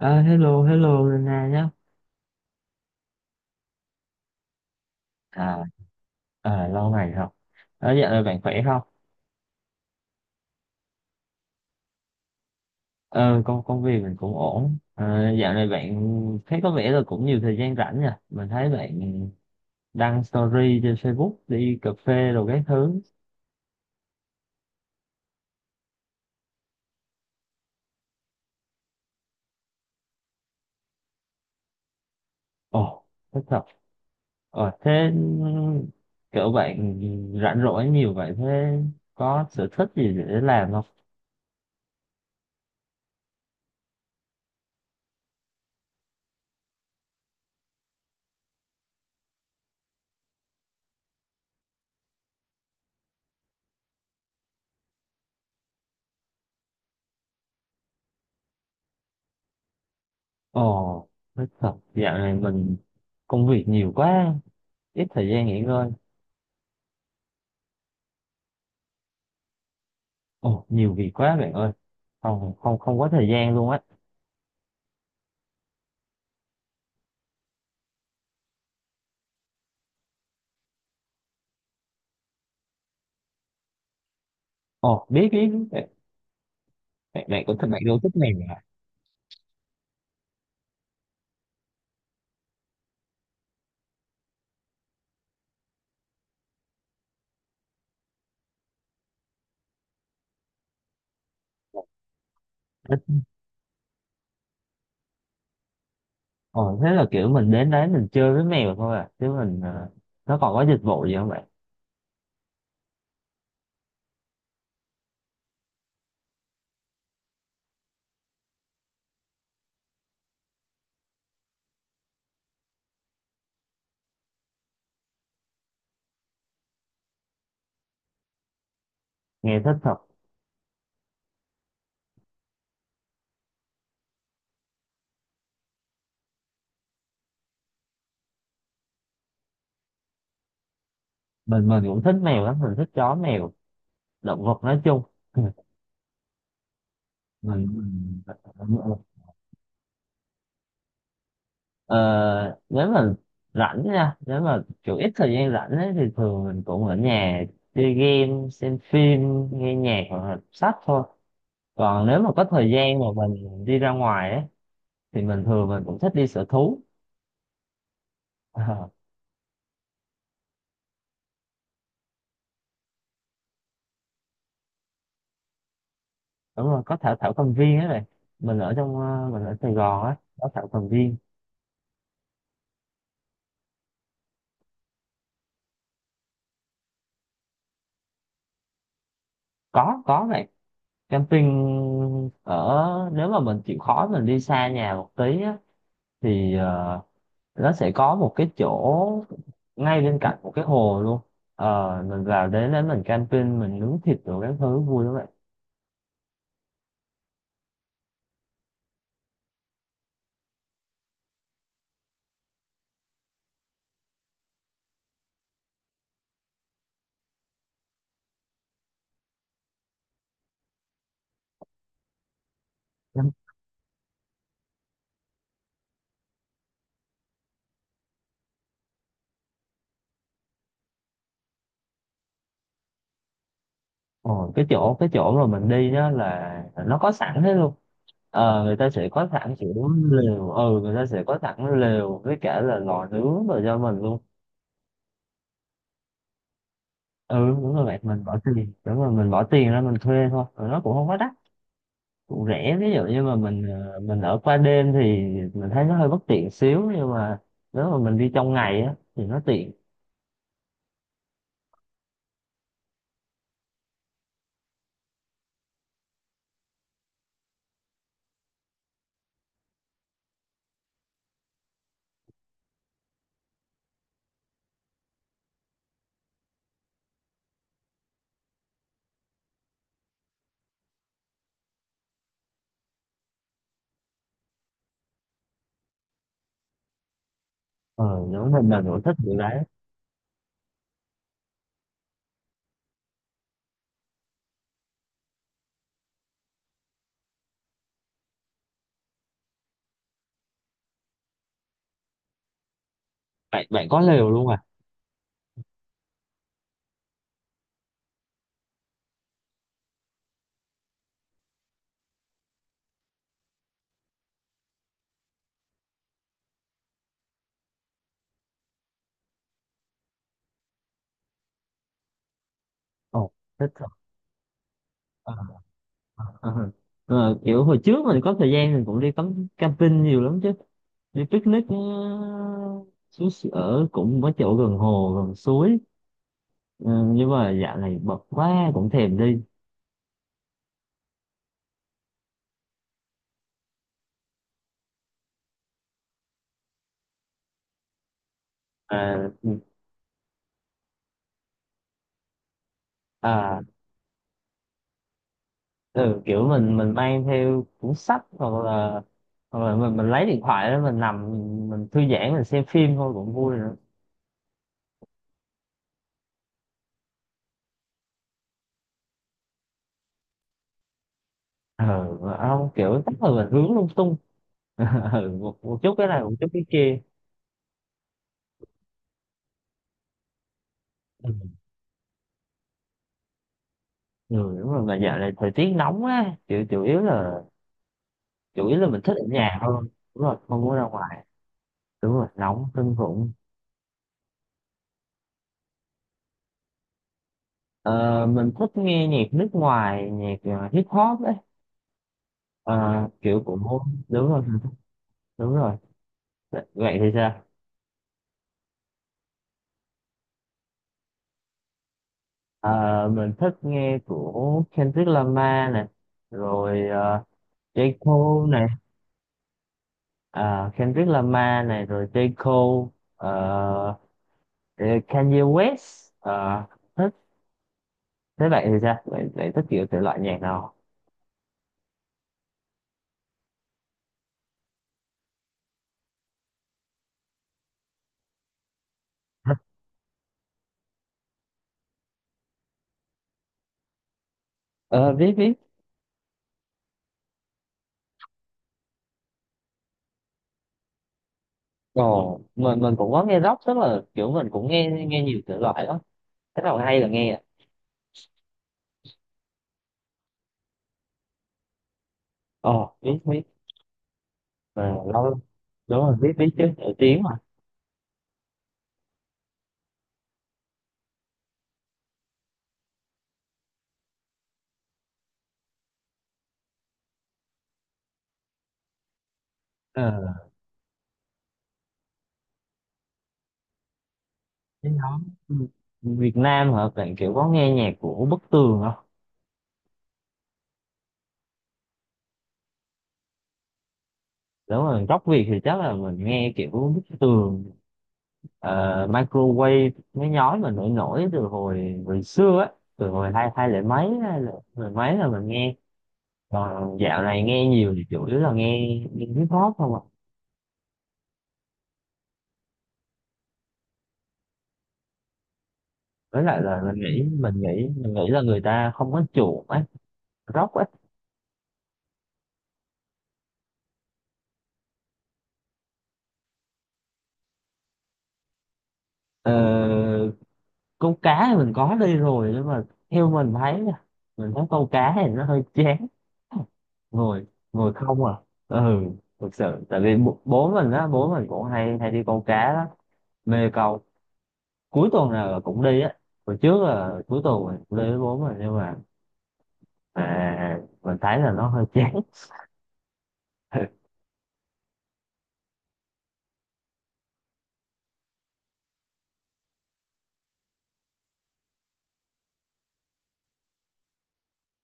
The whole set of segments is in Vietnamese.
À, hello, hello Nana nhá. À, à, lâu ngày rồi. Ờ, dạo này bạn khỏe không? Ờ, công công việc mình cũng ổn. Ờ, dạo này bạn thấy có vẻ là cũng nhiều thời gian rảnh nha. Mình thấy bạn đăng story trên Facebook đi cà phê rồi các thứ. Ồ, thích thật. Ờ, thế kiểu bạn rảnh rỗi nhiều vậy thế có sở thích gì để làm không? Ồ, thích thật. Dạo này mình công việc nhiều quá, ít thời gian nghỉ ngơi. Ồ, nhiều việc quá bạn ơi. Không, không, không có thời gian luôn á. Ồ, biết, biết, biết. Bạn cũng thích, bạn yêu thích mèo à? Thích. Ồ, thế là kiểu mình đến đấy mình chơi với mèo thôi à. Chứ mình, nó còn có dịch vụ gì không bạn? Nghe thích thật. Mình cũng thích mèo lắm, mình thích chó mèo, động vật nói chung. Mình, mình- ờ, nếu mà rảnh nha, nếu mà kiểu ít thời gian rảnh ấy, thì thường mình cũng ở nhà chơi game, xem phim, nghe nhạc hoặc là đọc sách thôi. Còn nếu mà có thời gian mà mình đi ra ngoài ấy, thì mình thường mình cũng thích đi sở thú. Ờ, đúng rồi có thảo thảo cầm viên ấy này. Mình ở Sài Gòn á, có thảo cầm viên. Có này, camping ở nếu mà mình chịu khó mình đi xa nhà một tí á, thì nó sẽ có một cái chỗ ngay bên cạnh một cái hồ luôn. Ờ, mình vào đến đấy mình camping mình nướng thịt rồi các thứ vui lắm vậy. Ồ, cái chỗ mà mình đi đó là nó có sẵn hết luôn. Người ta sẽ có sẵn kiểu lều, ừ người ta sẽ có sẵn lều với cả là lò nướng rồi cho mình luôn. Ừ đúng rồi bạn, mình bỏ tiền đúng rồi mình bỏ tiền ra mình thuê thôi rồi nó cũng không quá đắt, cũng rẻ. Ví dụ như mà mình ở qua đêm thì mình thấy nó hơi bất tiện xíu nhưng mà nếu mà mình đi trong ngày á thì nó tiện. Ờ Nếu mình là người thích điều đấy. Bạn bạn có lều luôn à? Ồ, thích thật. Ờ. Ờ, kiểu hồi trước mình có thời gian mình cũng đi cắm camping nhiều lắm chứ, đi picnic, xuống ở cũng có chỗ gần hồ gần suối. Ờ, nhưng mà dạo này bận quá cũng thèm đi. À, à ừ, kiểu mình mang theo cuốn sách hoặc là mình lấy điện thoại đó mình nằm, mình thư giãn mình xem phim thôi cũng vui nữa. Ừ, mà không kiểu chắc là mình hướng lung tung. Ừ, một chút cái này một chút cái kia. Ừ. Ừ, đúng rồi mà dạo này thời tiết nóng á, chủ chủ yếu là mình thích ở nhà hơn. Đúng rồi không muốn ra ngoài. Đúng rồi nóng kinh khủng. Ờ, mình thích nghe nhạc nước ngoài, nhạc hip hop ấy. Ờ, Kiểu của... Đúng rồi đúng rồi. Vậy thì sao? Ờ, mình thích nghe của Kendrick Lamar này, rồi J. Cole này. Ờ, Kendrick Lamar này rồi J. Cole, ờ, Kanye West, thế bạn thì sao, bạn thích kiểu thể loại nhạc nào? Ờ, biết biết. Ồ. Mình cũng có nghe rock, tức là kiểu mình cũng nghe nghe nhiều thể loại đó. Thế nào hay là nghe ạ. Ồ, biết biết. Ờ, lâu lắm. Đúng rồi biết biết chứ, nổi tiếng mà. Ờ, cái nhóm Việt Nam hả bạn, kiểu có nghe nhạc của Bức Tường không? Nếu mà rock Việt thì chắc là mình nghe kiểu Bức Tường, Microwave, mấy nhóm mà nổi nổi từ hồi hồi xưa á, từ hồi hai hai lẻ mấy hay là mười mấy là mình nghe. Còn dạo này nghe nhiều thì chủ yếu là nghe hip hop không ạ. Với lại là mình nghĩ là người ta không có chuộng ấy, rock ấy. ờ, Câu cá thì mình có đi rồi nhưng mà theo mình thấy nha, mình thấy câu cá thì nó hơi chán, ngồi ngồi không à. Ừ thực sự tại vì bố bố mình á, bố mình cũng hay hay đi câu cá đó, mê câu, cuối tuần nào là cũng đi á. Hồi trước là cuối tuần mình cũng đi với bố mình nhưng mà à, mình thấy là nó hơi chán.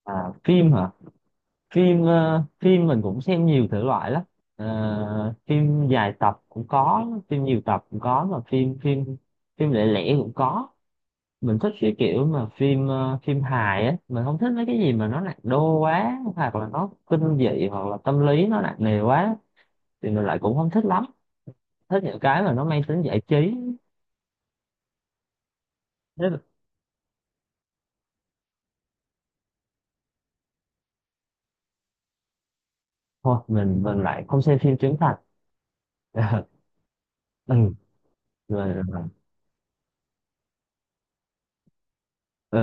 À, phim hả? Phim mình cũng xem nhiều thể loại lắm. Ờ, phim dài tập cũng có, phim nhiều tập cũng có, mà phim phim phim lẻ lẻ cũng có. Mình thích cái kiểu mà phim hài á, mình không thích mấy cái gì mà nó nặng đô quá hoặc là nó kinh dị hoặc là tâm lý nó nặng nề quá thì mình lại cũng không thích lắm. Thích những cái mà nó mang tính giải trí. Thế là, thôi mình lại không xem phim trưởng thành. Ừ, rồi, ờ,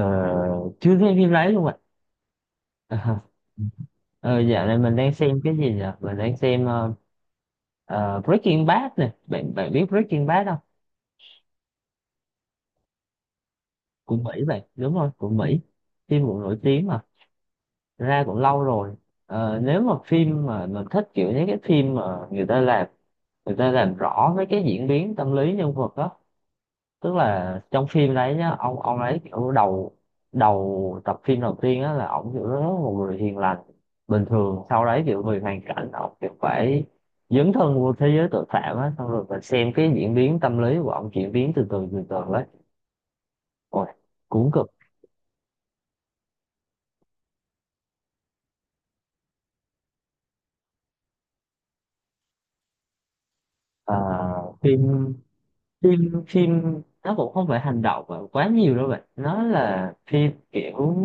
chưa xem phim đấy luôn ạ. Ờ, dạo này mình đang xem cái gì nhỉ? Mình đang xem Breaking Bad nè. Bạn bạn biết Breaking Bad không? Của Mỹ vậy. Đúng rồi, của Mỹ. Phim cũng nổi tiếng mà. Ra cũng lâu rồi. Ờ, nếu mà phim mà mình thích kiểu những cái phim mà người ta làm rõ mấy cái diễn biến tâm lý nhân vật á, tức là trong phim đấy nhá ông ấy kiểu đầu đầu tập phim đầu tiên á là ông kiểu rất là một người hiền lành bình thường, sau đấy kiểu vì hoàn cảnh ông kiểu phải dấn thân vô thế giới tội phạm á, xong rồi mình xem cái diễn biến tâm lý của ông chuyển biến từ từ từ từ đấy, ôi cuốn cực. À, phim phim phim nó cũng không phải hành động mà quá nhiều đâu bạn, nó là phim kiểu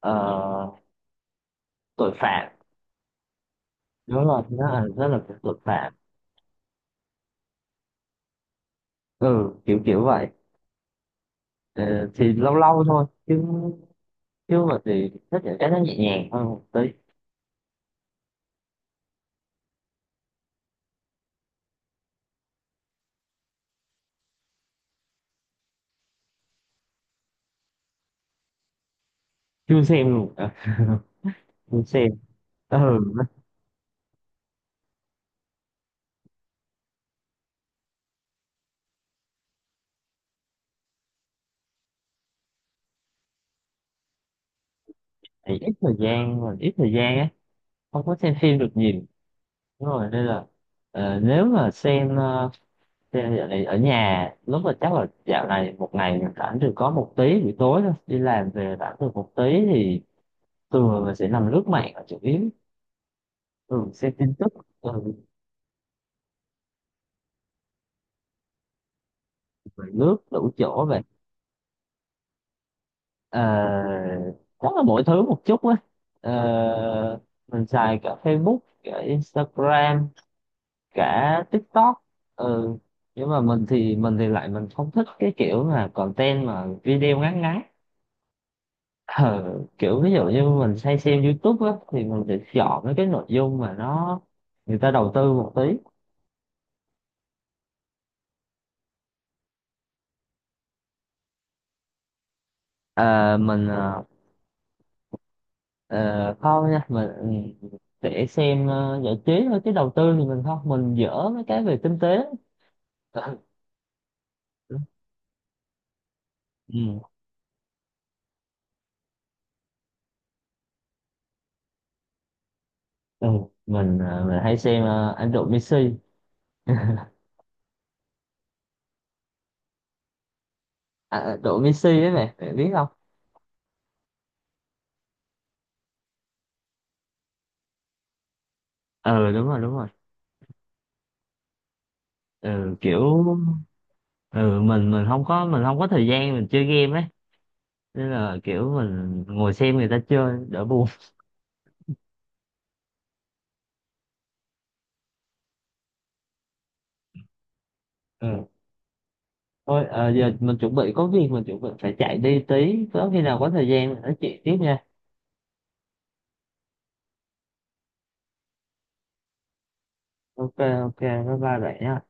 ờ, tội phạm. Đúng rồi nó là rất là kiểu tội phạm, ừ kiểu kiểu vậy. Ờ, thì lâu lâu thôi chứ, chứ mà thì thích những cái nó nhẹ nhàng hơn một tí. Chưa xem luôn à, chưa xem. Ừ thì ít thời gian mà ít thời gian á, không có xem phim được nhiều đúng rồi, nên là nếu mà xem xem dạo này ở nhà lúc mà chắc là dạo này một ngày mình rảnh được có một tí buổi tối thôi, đi làm về rảnh được một tí thì thường là mình sẽ nằm lướt mạng là chủ yếu, thường xem tin tức. Ừ, rồi lướt đủ chỗ về. Ờ, chắc là mỗi thứ một chút á. Ờ, mình xài cả Facebook, cả Instagram, cả TikTok. Ừ. Nhưng mà mình thì lại mình không thích cái kiểu là content mà video ngắn ngắn. Ờ, kiểu ví dụ như mình hay xem YouTube á thì mình sẽ chọn mấy cái nội dung mà nó người ta đầu tư một tí. Ờ, mình ờ, không nha, mình để xem giải trí thôi chứ đầu tư thì mình không, mình dở mấy cái về kinh tế. Ừ. Ừ, mình hay xem anh Độ Messi. À, Độ Messi ấy, mày mày biết không? Ừ đúng rồi đúng rồi. Ừ, kiểu mình không có thời gian mình chơi game ấy, nên là kiểu mình ngồi xem người ta chơi đỡ buồn. Ừ. Thôi giờ mình chuẩn bị có việc, mình chuẩn bị phải chạy đi tí, có khi nào có thời gian mình nói chuyện tiếp nha. Ok ok, bye bye bạn nha.